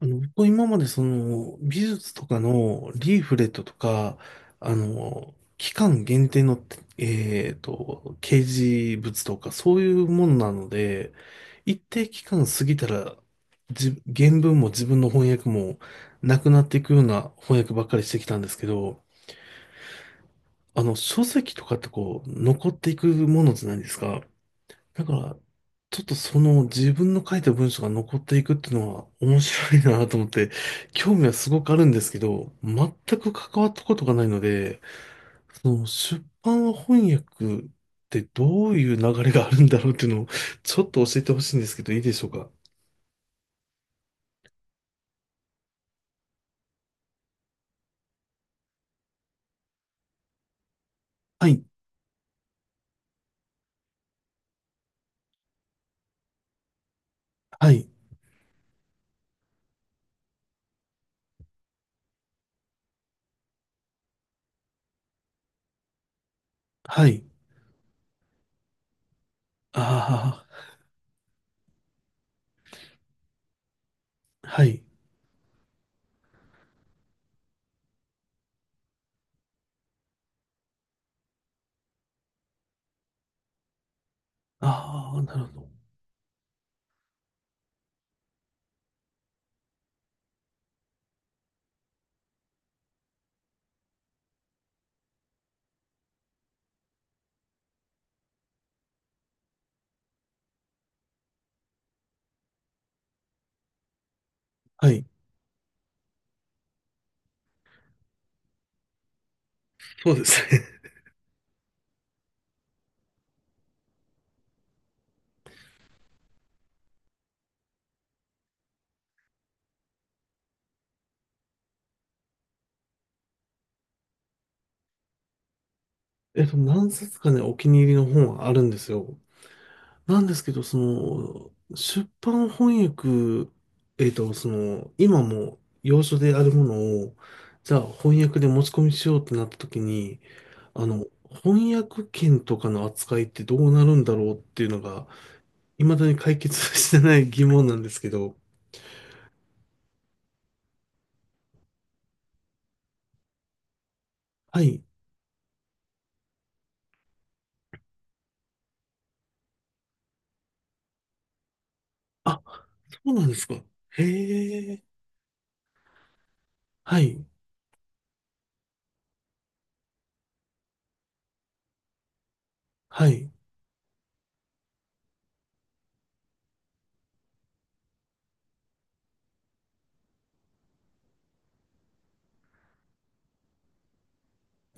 僕今までその美術とかのリーフレットとか、期間限定の、掲示物とかそういうものなので、一定期間過ぎたら、原文も自分の翻訳もなくなっていくような翻訳ばっかりしてきたんですけど、書籍とかってこう、残っていくものじゃないですか。だから、ちょっとその自分の書いた文章が残っていくっていうのは面白いなと思って、興味はすごくあるんですけど、全く関わったことがないので、その出版翻訳ってどういう流れがあるんだろうっていうのをちょっと教えてほしいんですけど、いいでしょうか？はい、はい、はい、ああ、はい、ああ、なるほど。はい、そうですね。何冊かね、お気に入りの本はあるんですよ。なんですけど、その、出版翻訳、その、今も要所であるものを、じゃあ翻訳で持ち込みしようってなった時に、あの、翻訳権とかの扱いってどうなるんだろうっていうのが、未だに解決してない疑問なんですけど、はい。あ、そうなんですか。へえ。はい。はい。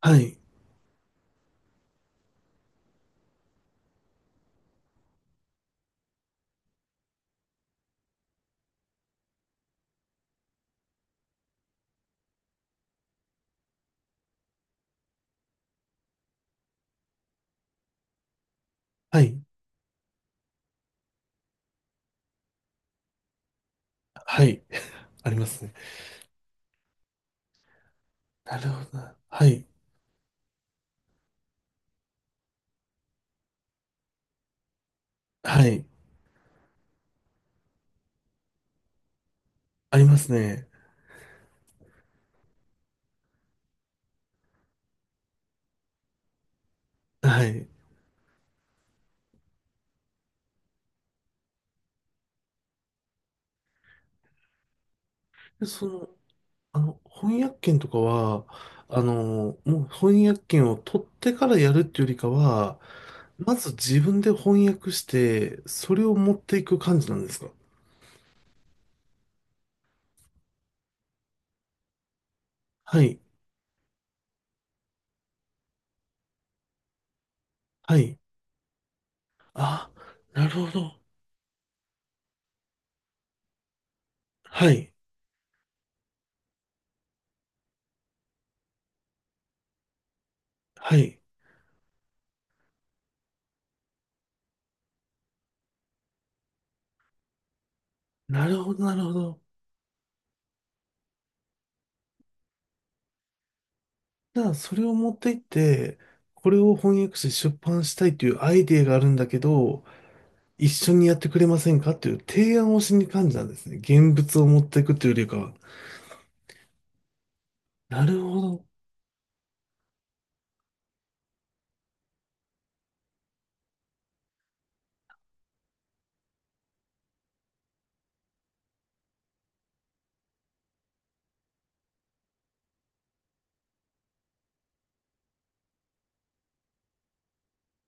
はい。はい。はい。ありますね。なるほどな。はい。はい。ありますね。はい。でその、翻訳権とかは、もう翻訳権を取ってからやるっていうよりかは、まず自分で翻訳して、それを持っていく感じなんですか？はい、はい。あ、なるほど。はい、はい。なるほど、なるほど。じゃあ、それを持っていって、これを翻訳して出版したいというアイデアがあるんだけど、一緒にやってくれませんかっていう提案をしに感じなんですね。現物を持っていくっていうよりかは。なるほど。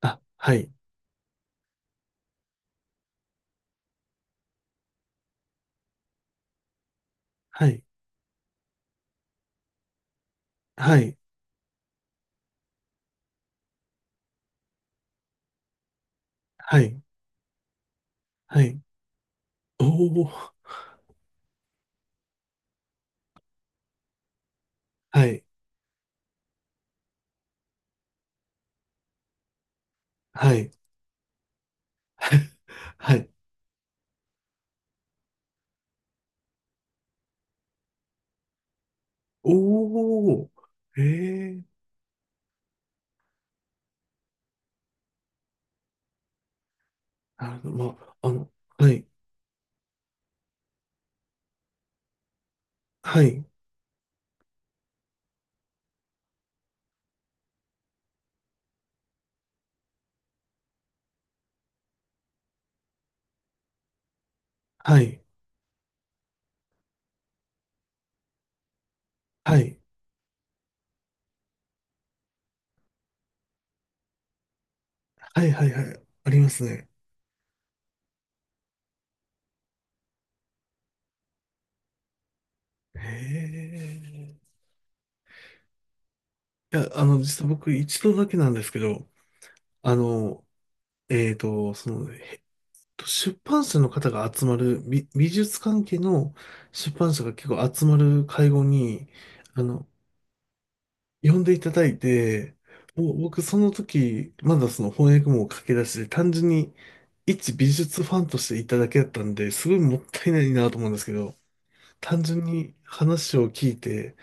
あ、はい。はい、はい、はい、はい。おお、はい、はい、はい。おお、ええ、なるほど。まあ、はい、はい、はい、はい、はい、はい、はい、ありますね。ええ、いや、実は僕一度だけなんですけど、あの、その、出版社の方が集まる、美術関係の出版社が結構集まる会合に、あの、呼んでいただいて、もう僕その時、まだその翻訳も駆け出しで、単純に一美術ファンとしていただけだったんで、すごいもったいないなと思うんですけど、単純に話を聞いて、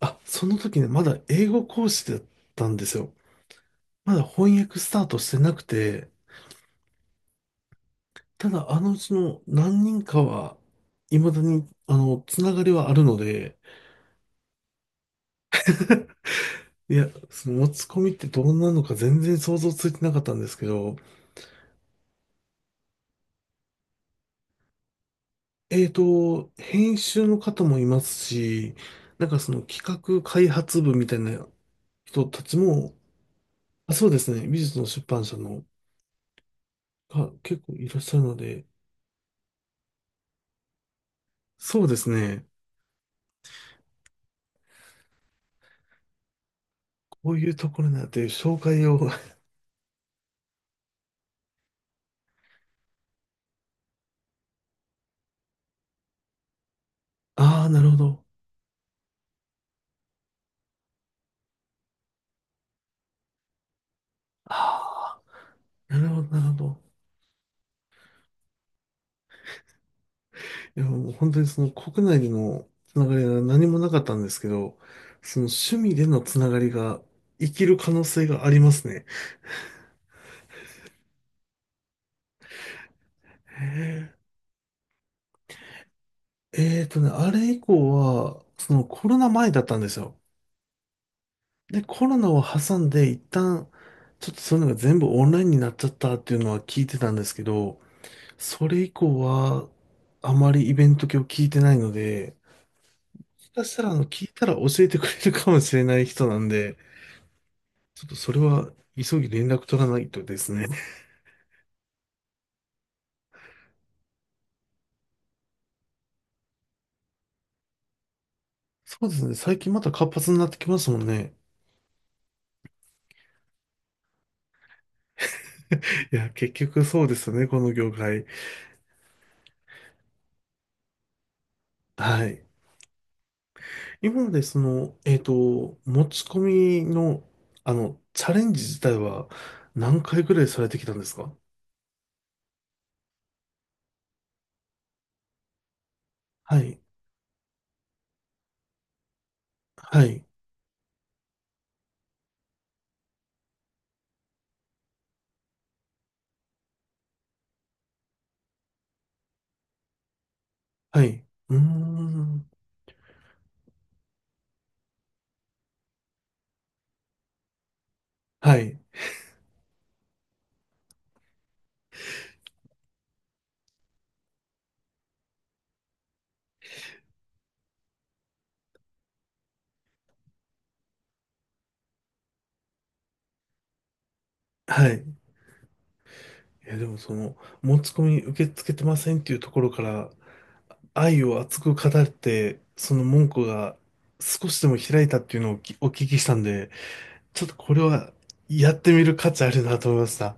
あ、その時ね、まだ英語講師だったんですよ。まだ翻訳スタートしてなくて、ただあのうちの何人かは、未だに、つながりはあるので、いや、その持ち込みってどんなのか全然想像ついてなかったんですけど、編集の方もいますし、なんかその企画開発部みたいな人たちも、あ、そうですね、美術の出版社のが結構いらっしゃるので、そうですね、こういうところになって紹介を、ああ、なるほど。ああ、なるほど、なるほど。いや、もう本当にその国内でのつながりが何もなかったんですけど、その趣味でのつながりが生きる可能性がありますね。へえ、えーとね、あれ以降は、そのコロナ前だったんですよ。で、コロナを挟んで一旦、ちょっとそういうのが全部オンラインになっちゃったっていうのは聞いてたんですけど、それ以降は、あまりイベント系を聞いてないので、もしかしたら、聞いたら教えてくれるかもしれない人なんで、ちょっとそれは急ぎ連絡取らないとですね。そうですね、最近また活発になってきますもんね。いや、結局そうですよね、この業界。はい。今までその、持ち込みの、チャレンジ自体は何回ぐらいされてきたんですか？はい、はい、はい。うーん、はい、はい。いや、でもその、持ち込み受け付けてませんっていうところから、愛を熱く語って、その門戸が少しでも開いたっていうのをお聞きしたんで、ちょっとこれはやってみる価値あるなと思いました。